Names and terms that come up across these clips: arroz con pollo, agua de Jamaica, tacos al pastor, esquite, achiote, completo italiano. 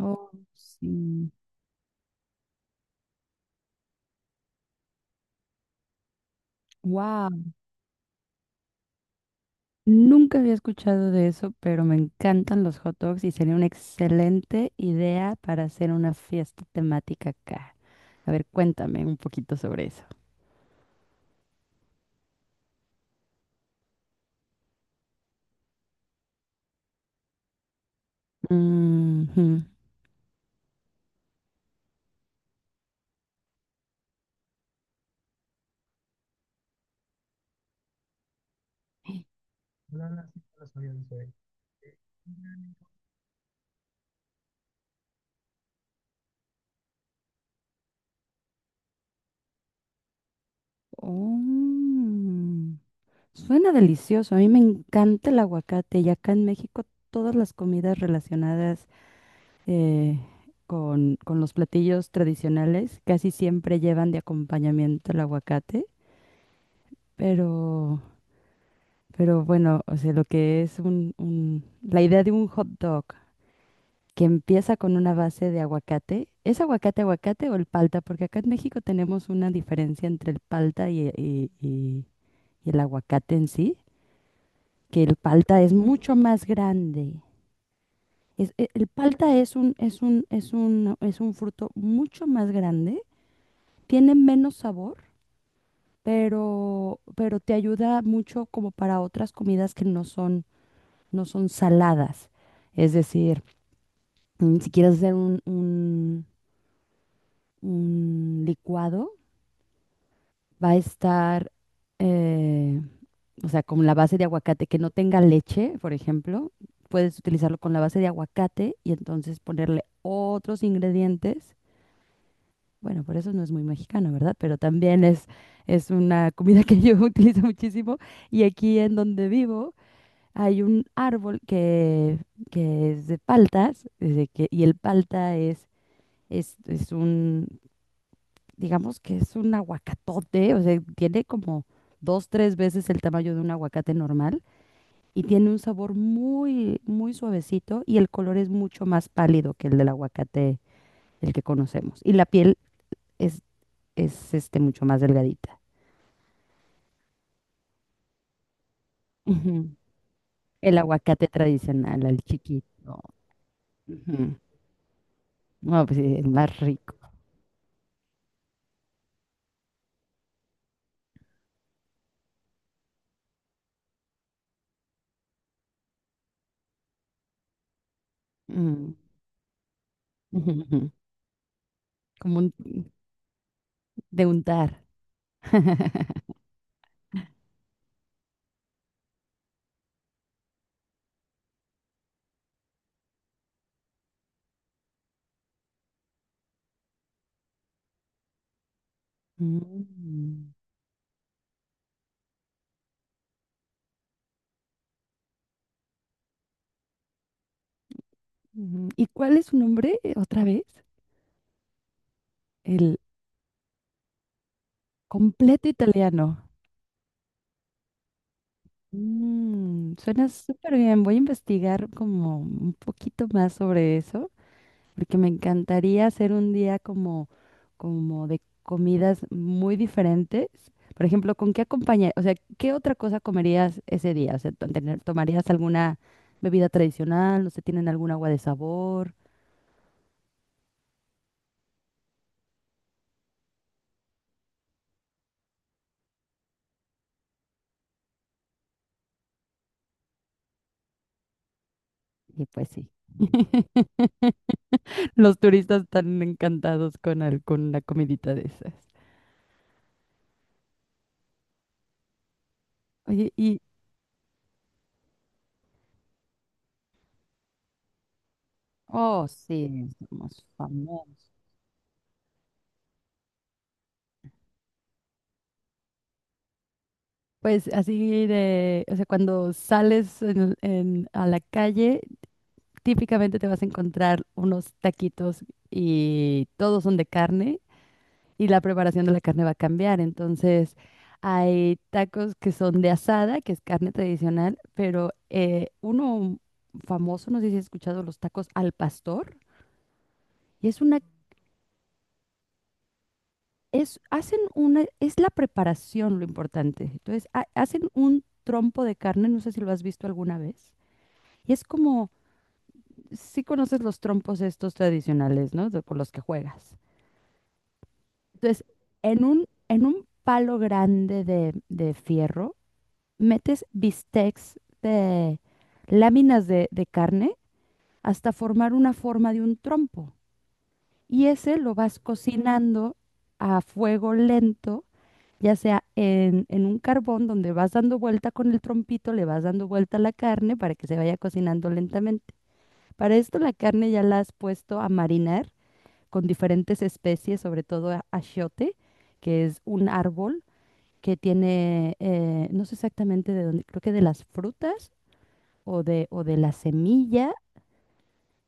Oh, sí. Wow. Nunca había escuchado de eso, pero me encantan los hot dogs y sería una excelente idea para hacer una fiesta temática acá. A ver, cuéntame un poquito sobre eso. Ujú. Oh, suena delicioso. A mí me encanta el aguacate y acá en México todas las comidas relacionadas eh, con los platillos tradicionales casi siempre llevan de acompañamiento el aguacate, pero Pero bueno, o sea, lo que es la idea de un hot dog que empieza con una base de aguacate, ¿es aguacate aguacate o el palta? Porque acá en México tenemos una diferencia entre el palta y, y el aguacate en sí, que el palta es mucho más grande. El palta es un, es un fruto mucho más grande, tiene menos sabor, pero te ayuda mucho como para otras comidas que no son. No son saladas. Es decir, si quieres hacer un licuado, va a estar, eh, o sea, con la base de aguacate que no tenga leche, por ejemplo, puedes utilizarlo con la base de aguacate y entonces ponerle otros ingredientes. Bueno, por eso no es muy mexicano, ¿verdad? Pero también es una comida que yo utilizo muchísimo. Y aquí en donde vivo, hay un árbol que es de paltas, y el palta es un, digamos que es un aguacatote, o sea, tiene como dos, tres veces el tamaño de un aguacate normal y tiene un sabor muy, muy suavecito y el color es mucho más pálido que el del aguacate, el que conocemos. Y la piel es, mucho más delgadita. Ujú. El aguacate tradicional, el chiquito. Ujú. No, pues sí, el más rico. Ujú, ujú. Como un, de untar. Mm. Ujú. ¿Y cuál es su nombre otra vez? El completo italiano. Mm, suena súper bien. Voy a investigar como un poquito más sobre eso, porque me encantaría hacer un día como, como de comidas muy diferentes. Por ejemplo, ¿con qué acompañar? O sea, ¿qué otra cosa comerías ese día? O sea, ¿tomarías alguna bebida tradicional? No sé, ¿tienen algún agua de sabor? Y pues sí, los turistas están encantados con, con la comidita de esas. Oye, y, oh, sí, somos famosos. Pues así de, o sea, cuando sales a la calle, típicamente te vas a encontrar unos taquitos y todos son de carne y la preparación de la carne va a cambiar. Entonces, hay tacos que son de asada, que es carne tradicional, pero uno famoso, no sé si has escuchado los tacos al pastor. Y es una, es, hacen una, es la preparación lo importante. Entonces, hacen un trompo de carne, no sé si lo has visto alguna vez. Y es como, si conoces los trompos estos tradicionales, ¿no? Con los que juegas. Entonces, en un palo grande de fierro, metes bistecs de láminas de carne hasta formar una forma de un trompo. Y ese lo vas cocinando a fuego lento ya sea en un carbón donde vas dando vuelta con el trompito, le vas dando vuelta a la carne para que se vaya cocinando lentamente. Para esto la carne ya la has puesto a marinar con diferentes especies, sobre todo achiote, que es un árbol que tiene, no sé exactamente de dónde, creo que de las frutas o de la semilla,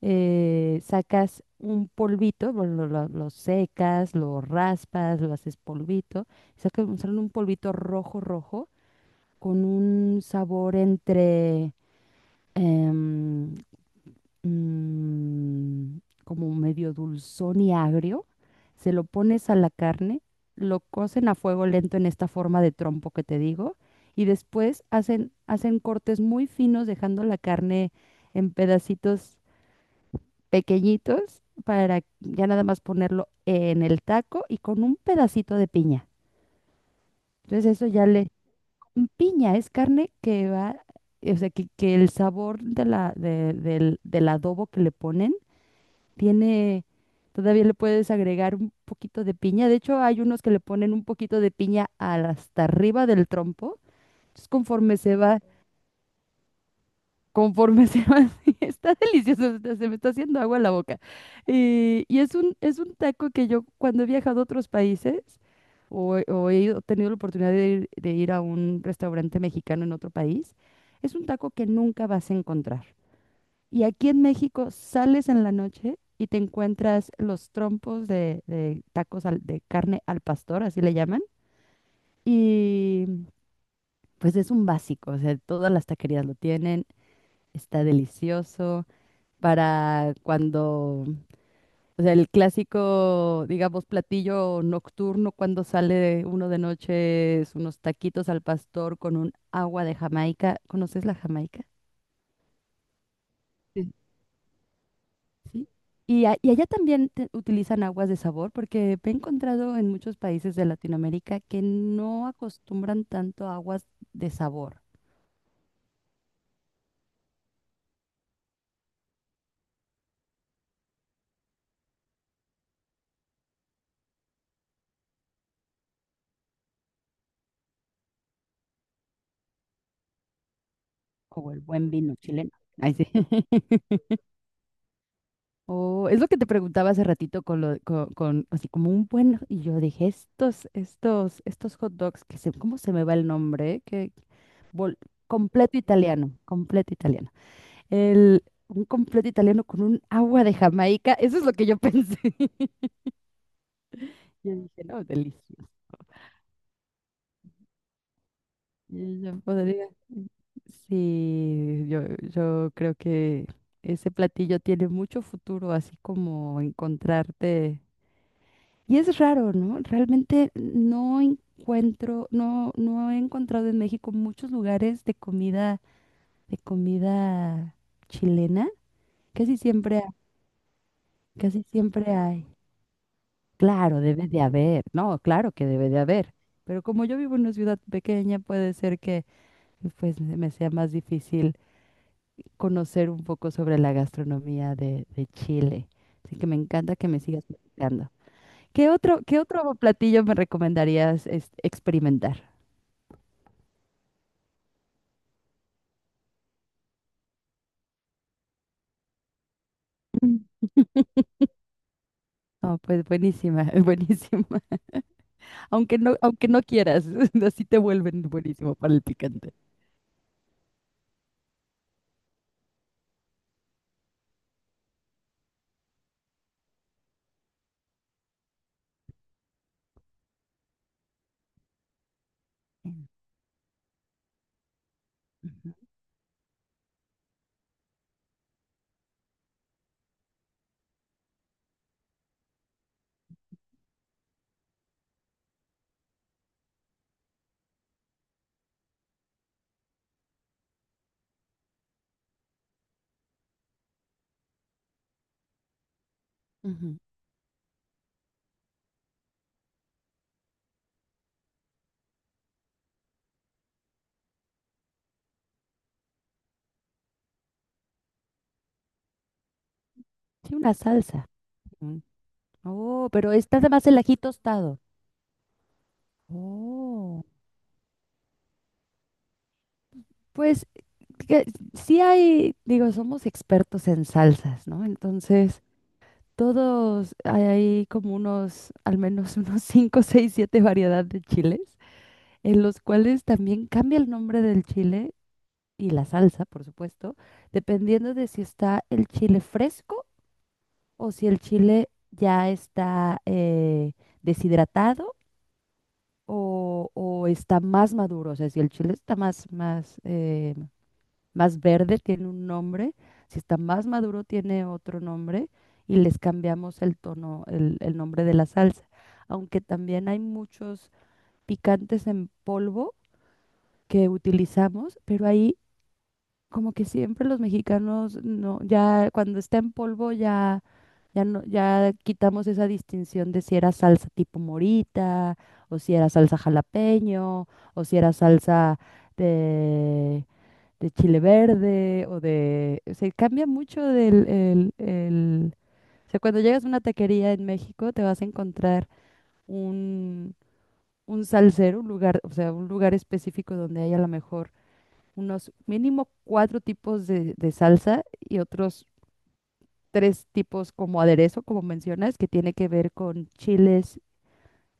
sacas un polvito, lo, lo secas, lo raspas, lo haces polvito, sacas un sale un polvito rojo, rojo, con un sabor entre em, mm, como medio dulzón y agrio. Se lo pones a la carne, lo cocen a fuego lento en esta forma de trompo que te digo, y después hacen, hacen cortes muy finos, dejando la carne en pedacitos pequeñitos para ya nada más ponerlo en el taco y con un pedacito de piña. Entonces eso ya le, mm, piña es carne que va, o sea, que el sabor de la, del, del adobo que le ponen tiene, todavía le puedes agregar un poquito de piña. De hecho, hay unos que le ponen un poquito de piña hasta arriba del trompo. Entonces, conforme se va, conforme se va está delicioso, hasta se me está haciendo agua en la boca. Y es un taco que yo cuando he viajado a otros países o, tenido la oportunidad de ir a un restaurante mexicano en otro país, es un taco que nunca vas a encontrar. Y aquí en México sales en la noche y te encuentras los trompos de tacos de carne al pastor, así le llaman. Y pues es un básico, o sea, todas las taquerías lo tienen, está delicioso para cuando, o sea, el clásico, digamos, platillo nocturno cuando sale uno de noche es unos taquitos al pastor con un agua de Jamaica. ¿Conoces la Jamaica? Sí. Sí. Y, y allá también utilizan aguas de sabor porque me he encontrado en muchos países de Latinoamérica que no acostumbran tanto a aguas de sabor como el buen vino chileno. Ay, sí. Oh, es lo que te preguntaba hace ratito con lo, con, así como un buen, y yo dije, estos, estos hot dogs, que se, ¿cómo se me va el nombre? Que, bol- completo italiano, completo italiano. El, un completo italiano con un agua de Jamaica, eso es lo que yo pensé. Yo dije, no, delicioso. Y yo podría. Sí, yo creo que ese platillo tiene mucho futuro, así como encontrarte. Y es raro, ¿no? Realmente no encuentro, no, no he encontrado en México muchos lugares de comida chilena. Casi siempre, casi siempre hay. Claro, debe de haber, no, claro que debe de haber. Pero como yo vivo en una ciudad pequeña, puede ser que pues me sea más difícil conocer un poco sobre la gastronomía de Chile. Así que me encanta que me sigas platicando. Qué otro platillo me recomendarías es, experimentar? Mm. No, pues buenísima, buenísima. Aunque no quieras, así te vuelven buenísimo para el picante. Mm, ujú, ujú. Sí, una salsa. Mm. Oh, pero está además el ají tostado. Oh, pues que sí hay, digo, somos expertos en salsas, ¿no? Entonces, todos hay como unos, al menos unos 5, 6, 7 variedades de chiles, en los cuales también cambia el nombre del chile y la salsa, por supuesto, dependiendo de si está el chile fresco o si el chile ya está deshidratado o está más maduro. O sea, si el chile está más, más, más verde, tiene un nombre, si está más maduro, tiene otro nombre y les cambiamos el tono, el nombre de la salsa. Aunque también hay muchos picantes en polvo que utilizamos, pero ahí como que siempre los mexicanos no, ya cuando está en polvo ya, ya no, ya quitamos esa distinción de si era salsa tipo morita, o si era salsa jalapeño, o si era salsa de, de chile verde, o de, se cambia mucho del, o sea, cuando llegas a una taquería en México te vas a encontrar un, un salsero, un lugar, o sea, un lugar específico donde hay a lo mejor unos mínimo cuatro tipos de salsa y otros tres tipos como aderezo, como mencionas, que tiene que ver con chiles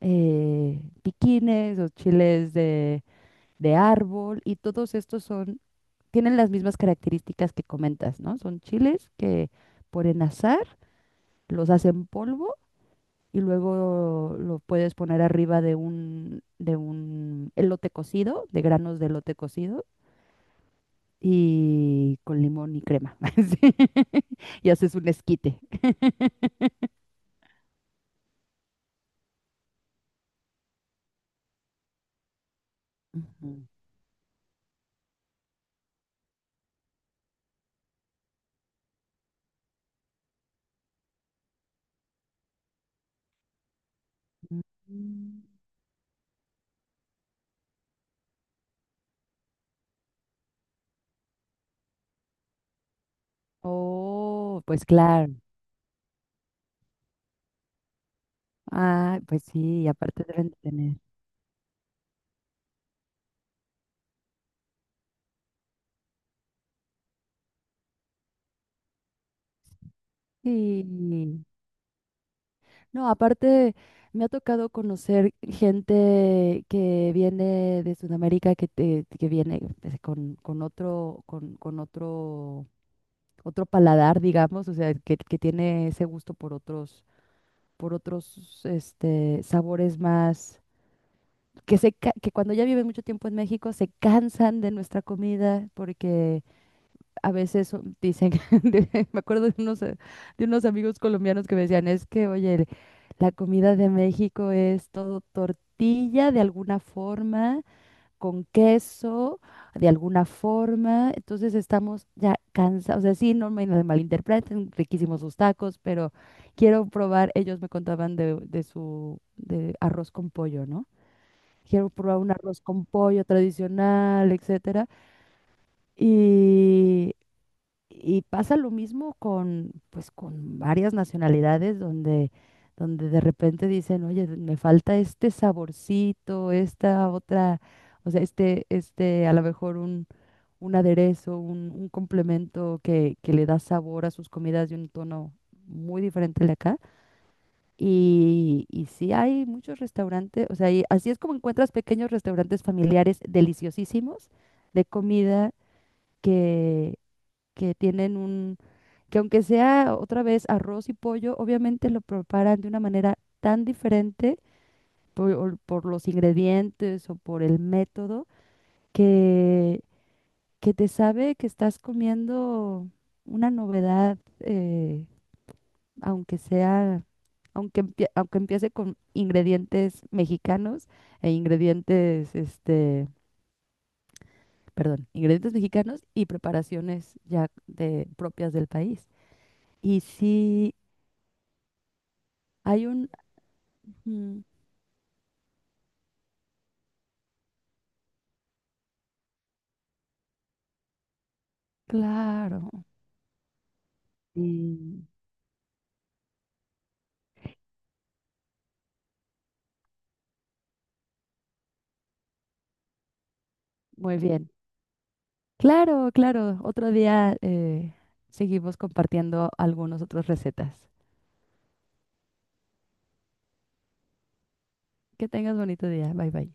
piquines o chiles de árbol y todos estos son, tienen las mismas características que comentas, ¿no? Son chiles que por enazar los hacen polvo y luego lo puedes poner arriba de un elote cocido, de granos de elote cocido y con limón y crema. Sí. Y haces un esquite. Ujú. Mm. Oh, pues claro. Ah, pues sí, y aparte deben de tener. Sí. No, aparte me ha tocado conocer gente que viene de Sudamérica, que, que viene pues, con otro, otro paladar, digamos, o sea, que tiene ese gusto por otros, este, sabores más que, se, que cuando ya viven mucho tiempo en México se cansan de nuestra comida porque a veces dicen, me acuerdo de unos amigos colombianos que me decían, es que, oye, la comida de México es todo tortilla de alguna forma, con queso de alguna forma, entonces estamos ya cansados, o sea, sí, no me malinterpreten, riquísimos sus tacos, pero quiero probar, ellos me contaban de su de arroz con pollo, ¿no? Quiero probar un arroz con pollo tradicional, etcétera. Y, y pasa lo mismo con, pues, con varias nacionalidades donde, donde de repente dicen, oye, me falta este saborcito, esta otra, o sea, este, a lo mejor un aderezo, un complemento que le da sabor a sus comidas de un tono muy diferente al de acá. Y sí hay muchos restaurantes, o sea, y así es como encuentras pequeños restaurantes familiares deliciosísimos de comida que, que tienen un, que aunque sea otra vez arroz y pollo, obviamente lo preparan de una manera tan diferente por, o por los ingredientes o por el método que, que te sabe que estás comiendo una novedad aunque sea, aunque, aunque empiece con ingredientes mexicanos e ingredientes, este, perdón, ingredientes mexicanos y preparaciones ya de, propias del país. Y si hay un, mm, claro, mm, muy bien. Claro, claro, otro día seguimos compartiendo algunas otras recetas. Que tengas bonito día, bye bye.